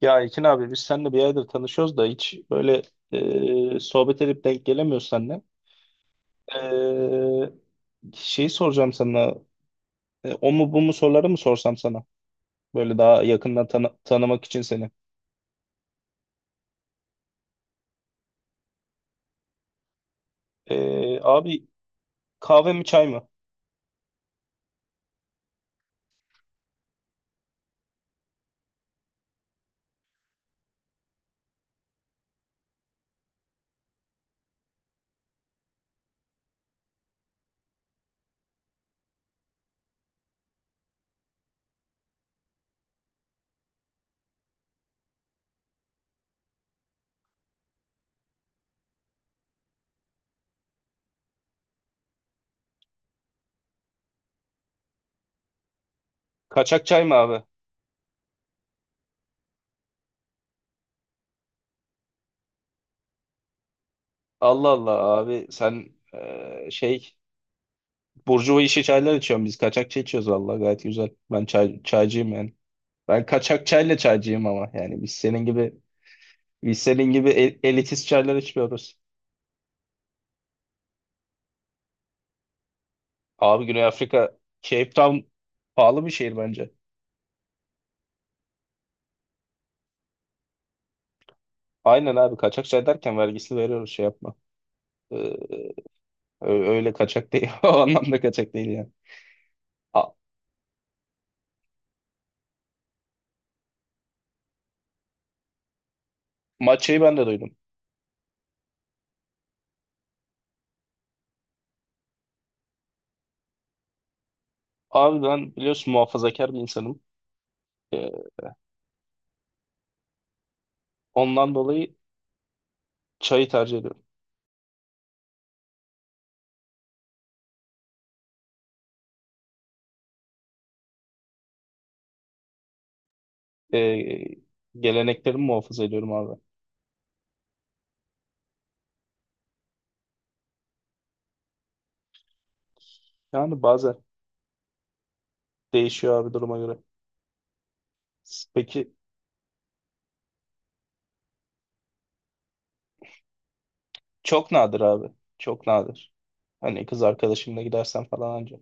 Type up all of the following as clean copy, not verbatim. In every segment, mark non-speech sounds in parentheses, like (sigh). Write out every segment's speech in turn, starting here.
Ya Ekin abi biz seninle bir aydır tanışıyoruz da hiç böyle sohbet edip denk gelemiyoruz seninle. E, Şeyi soracağım sana. O mu bu mu soruları mı sorsam sana? Böyle daha yakından tanımak için seni. Abi, kahve mi çay mı? Kaçak çay mı abi? Allah Allah abi, sen e, şey burjuva işi çaylar içiyorsun, biz kaçak çay içiyoruz, vallahi gayet güzel. Ben çaycıyım yani. Ben kaçak çayla çaycıyım, ama yani biz senin gibi elitist çaylar içmiyoruz. Abi Güney Afrika, Cape Town pahalı bir şehir bence. Aynen abi, kaçak şey derken vergisini veriyoruz, şey yapma. Ee, Öyle kaçak değil. (laughs) O anlamda kaçak değil yani. A, matchayı ben de duydum. Abi, ben biliyorsun muhafazakar bir insanım. Ee, Ondan dolayı çayı tercih ediyorum. Ee, Geleneklerimi muhafaza ediyorum abi. Yani bazen değişiyor abi, duruma göre. Peki, çok nadir abi. Çok nadir. Hani kız arkadaşımla gidersen falan anca.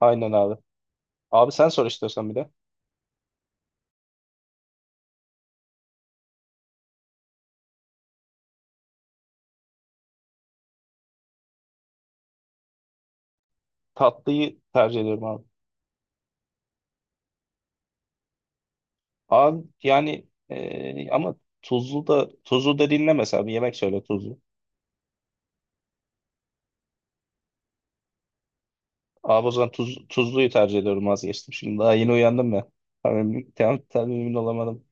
Aynen abi. Abi sen sor istiyorsan bir de. Tatlıyı tercih ediyorum abi. Abi yani ama tuzlu da, tuzlu da dinle, mesela bir yemek söyle tuzlu. Abi, o zaman tuzluyu tercih ediyorum, vazgeçtim. Şimdi daha yeni uyandım ya. Tam emin olamadım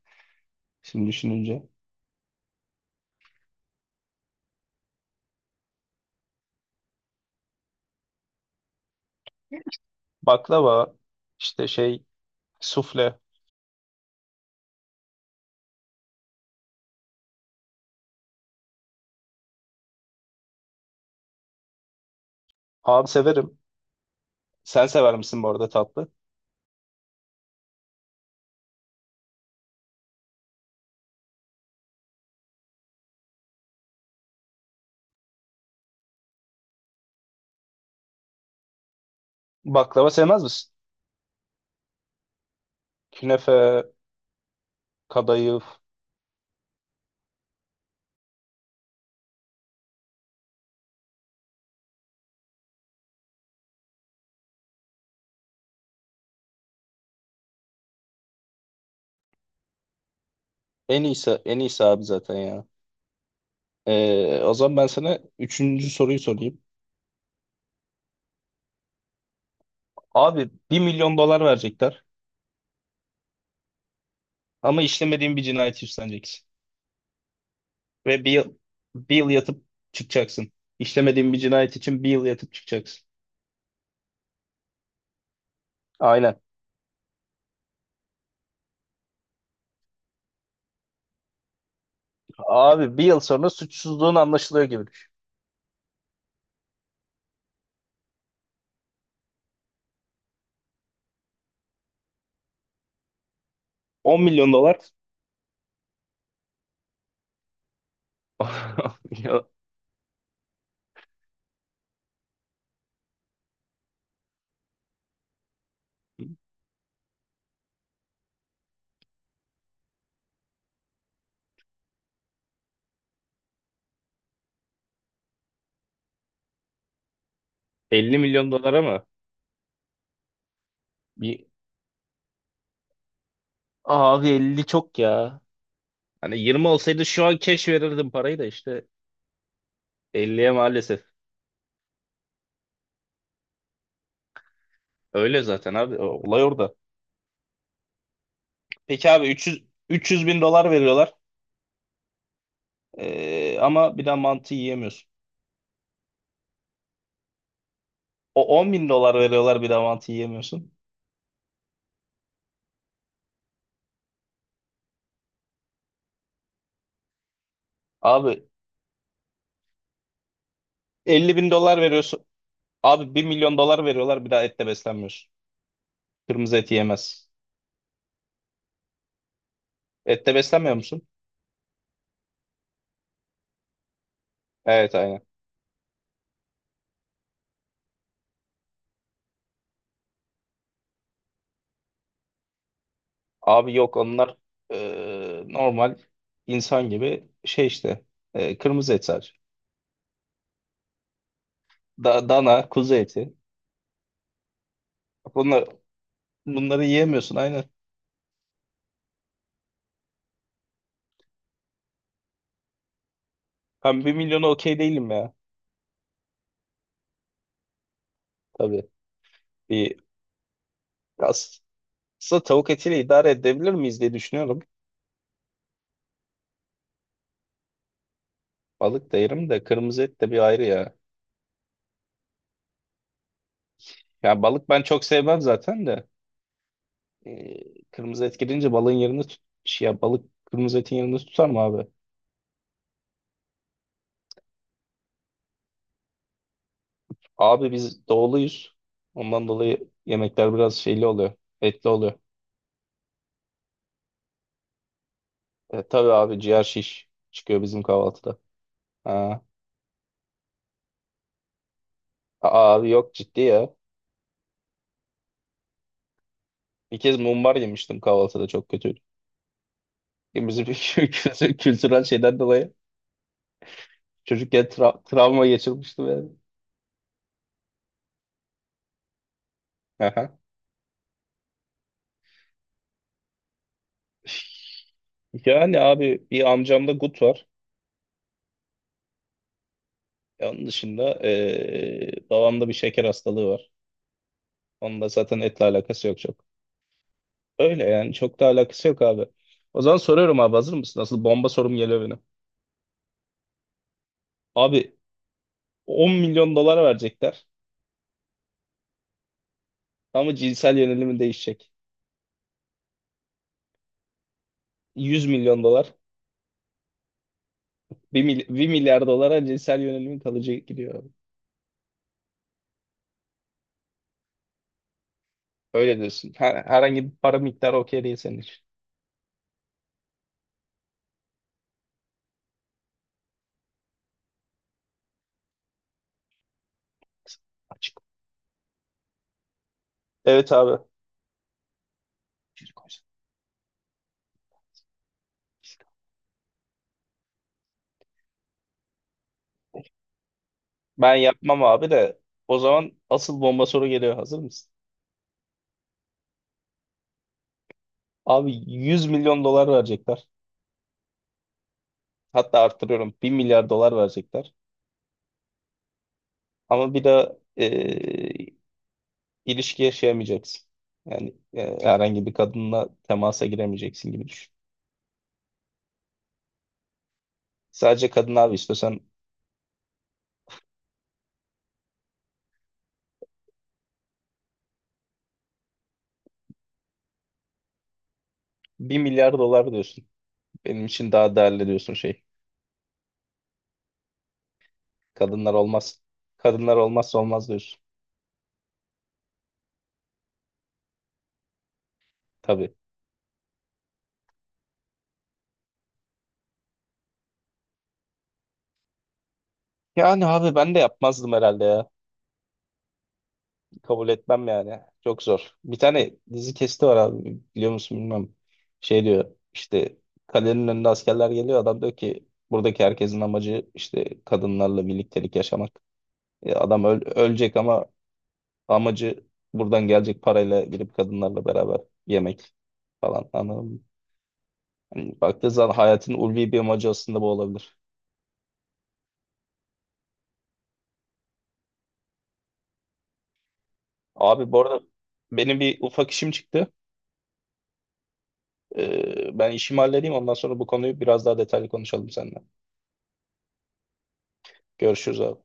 şimdi düşününce. Baklava, işte şey, sufle. Abi severim. Sen sever misin bu arada, tatlı? Baklava sevmez misin? Künefe, kadayıf. En iyisi, en iyisi abi zaten ya. O zaman ben sana üçüncü soruyu sorayım. Abi, bir milyon dolar verecekler. Ama işlemediğin bir cinayet üstleneceksin. Ve bir yıl yatıp çıkacaksın. İşlemediğin bir cinayet için bir yıl yatıp çıkacaksın. Aynen. Abi bir yıl sonra suçsuzluğun anlaşılıyor gibi düşün. 10 milyon dolar. (laughs) Ya, 50 milyon dolar ama bir abi, 50 çok ya. Hani 20 olsaydı şu an cash verirdim parayı da, işte 50'ye maalesef. Öyle zaten abi. Olay orada. Peki abi, 300 300 bin dolar veriyorlar. Ama bir daha mantı yiyemiyorsun. O 10 bin dolar veriyorlar, bir daha mantı yiyemiyorsun. Abi, 50 bin dolar veriyorsun. Abi, bir milyon dolar veriyorlar, bir daha etle beslenmiyorsun. Kırmızı et yiyemez. Etle beslenmiyor musun? Evet, aynen. Abi yok, onlar normal insan gibi şey işte, kırmızı et sadece. Dana, kuzu eti. Bunlar, Bunları yiyemiyorsun aynen. Ben bir milyona okey değilim ya. Tabii, bir aslında tavuk etiyle idare edebilir miyiz diye düşünüyorum. Balık da yerim de, kırmızı et de bir ayrı ya. Ya balık ben çok sevmem zaten de. Kırmızı et gelince balığın yerini tut şey ya, balık kırmızı etin yerini tutar mı abi? Abi biz doğuluyuz. Ondan dolayı yemekler biraz şeyli oluyor. Etli oluyor. Tabii abi, ciğer şiş çıkıyor bizim kahvaltıda. Ha. Aa, abi yok, ciddi ya. Bir kez mumbar yemiştim kahvaltıda, çok kötüydü. Bizim (laughs) kültürel şeyden dolayı çocukken travma geçirmiştim yani. Aha. Yani abi, bir amcamda gut var. Onun dışında babamda bir şeker hastalığı var. Onun da zaten etle alakası yok çok. Öyle yani, çok da alakası yok abi. O zaman soruyorum abi, hazır mısın? Nasıl bomba sorum geliyor benim. Abi, 10 milyon dolar verecekler ama cinsel yönelimi değişecek. 100 milyon dolar. 1 milyar dolara cinsel yönelimin kalıcı gidiyor abi. Öyle diyorsun. Herhangi bir para miktarı okey değil senin için. Açık. Evet abi. Ben yapmam abi de, o zaman asıl bomba soru geliyor. Hazır mısın? Abi, 100 milyon dolar verecekler. Hatta artırıyorum, 1 milyar dolar verecekler. Ama bir de ilişki yaşayamayacaksın. Yani herhangi bir kadınla temasa giremeyeceksin gibi düşün. Sadece kadın abi, istiyorsan 1 milyar dolar diyorsun. Benim için daha değerli diyorsun. Kadınlar olmaz. Kadınlar olmazsa olmaz diyorsun. Tabii. Yani abi ben de yapmazdım herhalde ya. Kabul etmem yani. Çok zor. Bir tane dizi kesti var abi. Biliyor musun bilmiyorum. Şey diyor işte, kalenin önünde askerler geliyor. Adam diyor ki, buradaki herkesin amacı işte kadınlarla birliktelik yaşamak. Adam ölecek ama amacı buradan gelecek parayla girip kadınlarla beraber yemek falan. Anladın mı? Hani baktığı zaman, hayatın ulvi bir amacı aslında bu olabilir. Abi bu arada benim bir ufak işim çıktı. Ben işimi halledeyim, ondan sonra bu konuyu biraz daha detaylı konuşalım seninle. Görüşürüz abi.